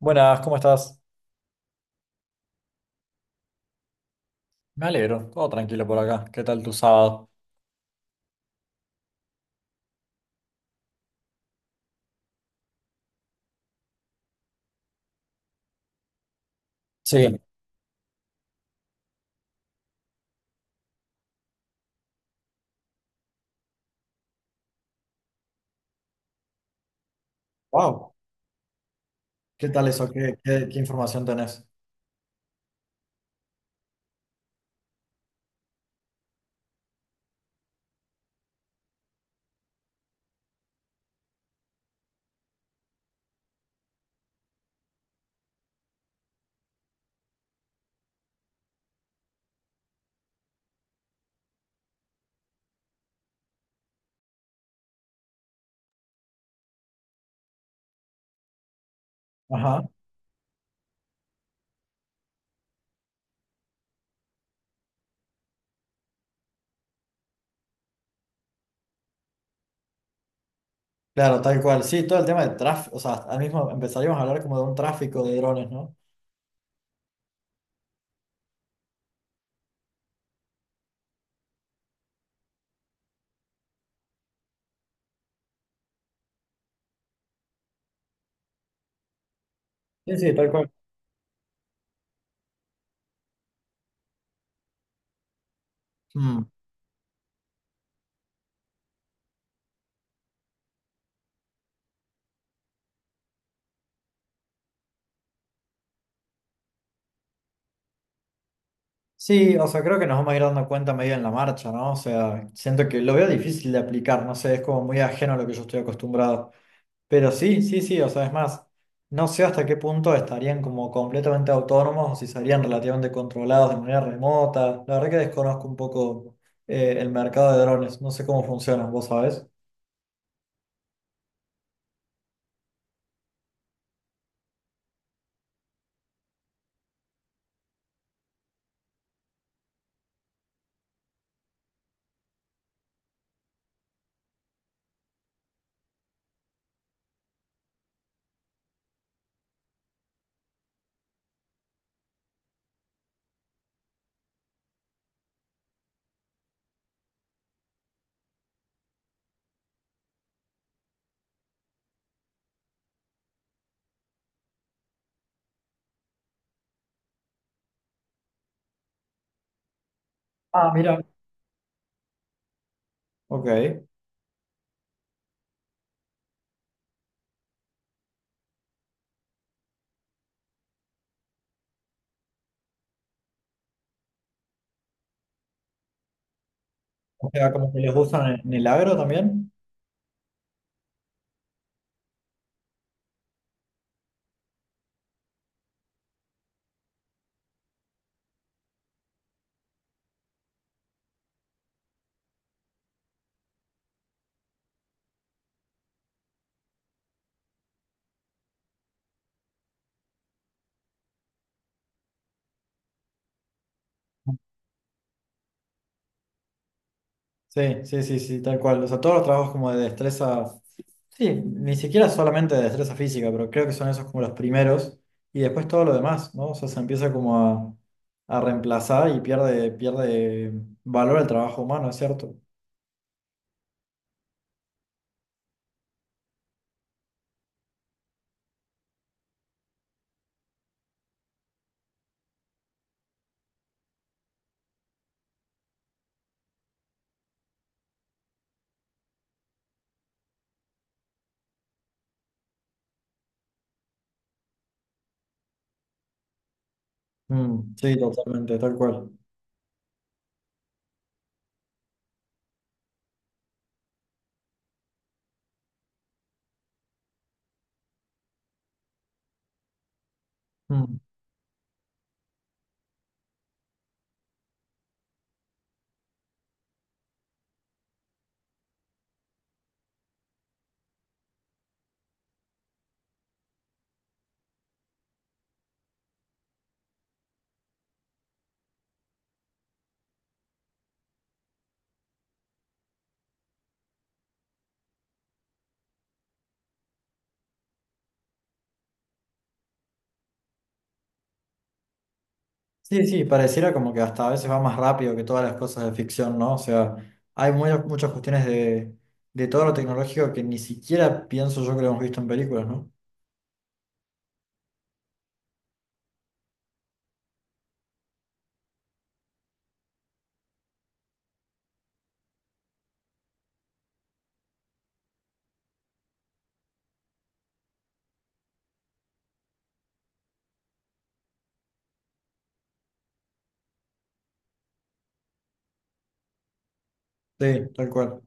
Buenas, ¿cómo estás? Me alegro, todo tranquilo por acá. ¿Qué tal tu sábado? ¿Qué tal? Wow, ¿qué tal eso? ¿Qué información tenés? Ajá. Claro, tal cual. Sí, todo el tema del tráfico, o sea, al mismo empezaríamos a hablar como de un tráfico de drones, ¿no? Sí, sí, tal cual. Mm. Sí, o sea, creo que nos vamos a ir dando cuenta medio en la marcha, ¿no? O sea, siento que lo veo difícil de aplicar, no sé, es como muy ajeno a lo que yo estoy acostumbrado. Pero sí, sí, sí, o sea, es más, no sé hasta qué punto estarían como completamente autónomos o si serían relativamente controlados de manera remota. La verdad que desconozco un poco el mercado de drones, no sé cómo funcionan, ¿vos sabés? Ah, mira. Ok. O sea, como que les usan en el agro también. Sí, sí, sí, sí, tal cual. O sea, todos los trabajos como de destreza, sí, ni siquiera solamente de destreza física, pero creo que son esos como los primeros y después todo lo demás, ¿no? O sea, se empieza como a reemplazar y pierde valor el trabajo humano, ¿es cierto? Mm, sí, totalmente, tal cual. Mm. Sí, sí, pareciera como que hasta a veces va más rápido que todas las cosas de ficción, ¿no? O sea, hay muchas cuestiones de todo lo tecnológico que ni siquiera pienso yo que lo hemos visto en películas, ¿no? Sí, tal cual.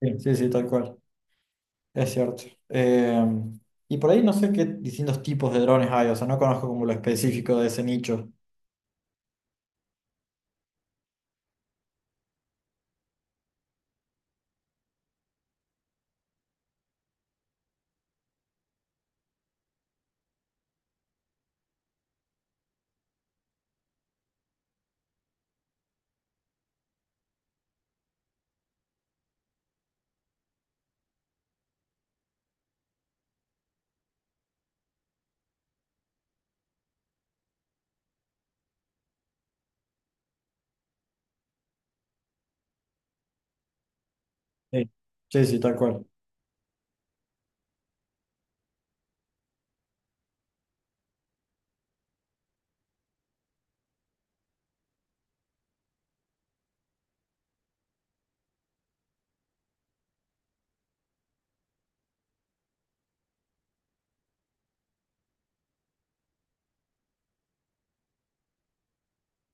Sí, sí, sí, tal cual, es cierto. Y por ahí no sé qué distintos tipos de drones hay, o sea, no conozco como lo específico de ese nicho. Sí, sí, sí, tal cual.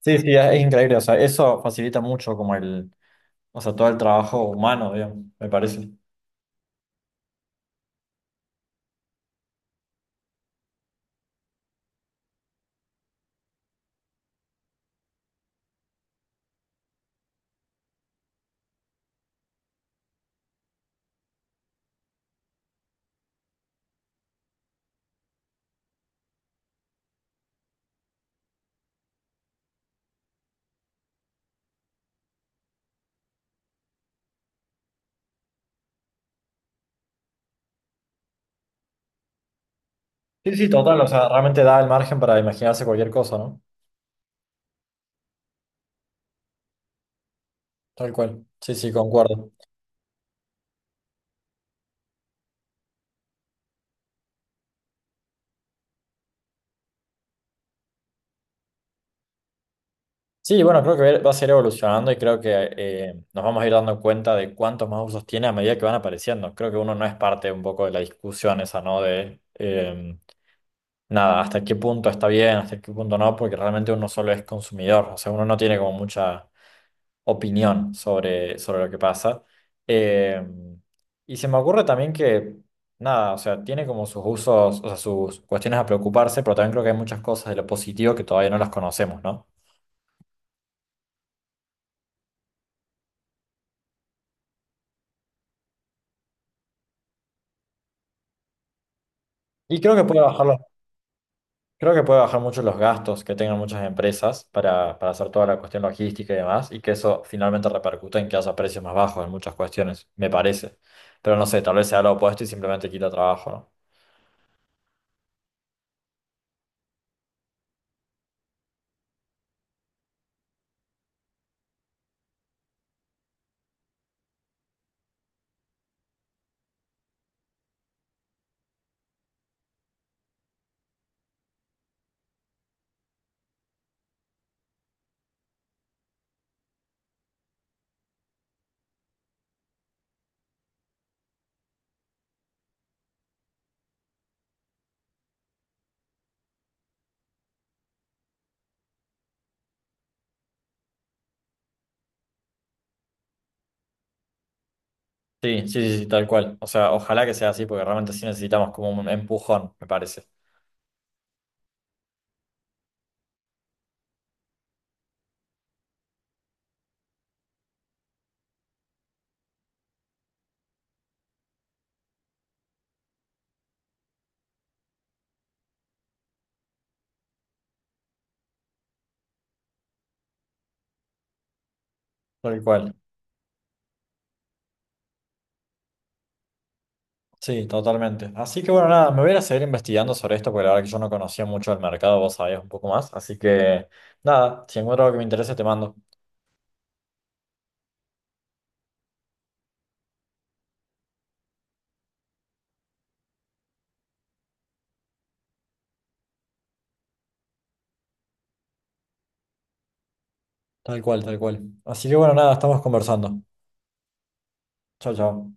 Sí, sí, es increíble, o sea, eso facilita mucho como el, o sea, todo el trabajo humano, digamos, me parece. Sí, sí, total, o sea, realmente da el margen para imaginarse cualquier cosa, ¿no? Tal cual. Sí, sí, concuerdo. Sí, bueno, creo que va a ser evolucionando y creo que nos vamos a ir dando cuenta de cuántos más usos tiene a medida que van apareciendo. Creo que uno no es parte un poco de la discusión esa, ¿no? De nada, hasta qué punto está bien, hasta qué punto no, porque realmente uno solo es consumidor, o sea, uno no tiene como mucha opinión sobre, sobre lo que pasa. Eh, y se me ocurre también que, nada, o sea, tiene como sus usos, o sea, sus cuestiones a preocuparse, pero también creo que hay muchas cosas de lo positivo que todavía no las conocemos, ¿no? Y creo que puede bajar los- Creo que puede bajar mucho los gastos que tengan muchas empresas para hacer toda la cuestión logística y demás, y que eso finalmente repercute en que haya precios más bajos en muchas cuestiones, me parece. Pero no sé, tal vez sea lo opuesto y simplemente quita trabajo, ¿no? Sí, sí, sí, sí, tal cual. O sea, ojalá que sea así, porque realmente sí necesitamos como un empujón, me parece. Tal cual. Sí, totalmente. Así que bueno, nada, me voy a ir a seguir investigando sobre esto, porque la verdad que yo no conocía mucho el mercado, vos sabías un poco más. Así que nada, si encuentro algo que me interese, te mando. Tal cual, tal cual. Así que bueno, nada, estamos conversando. Chao, chao.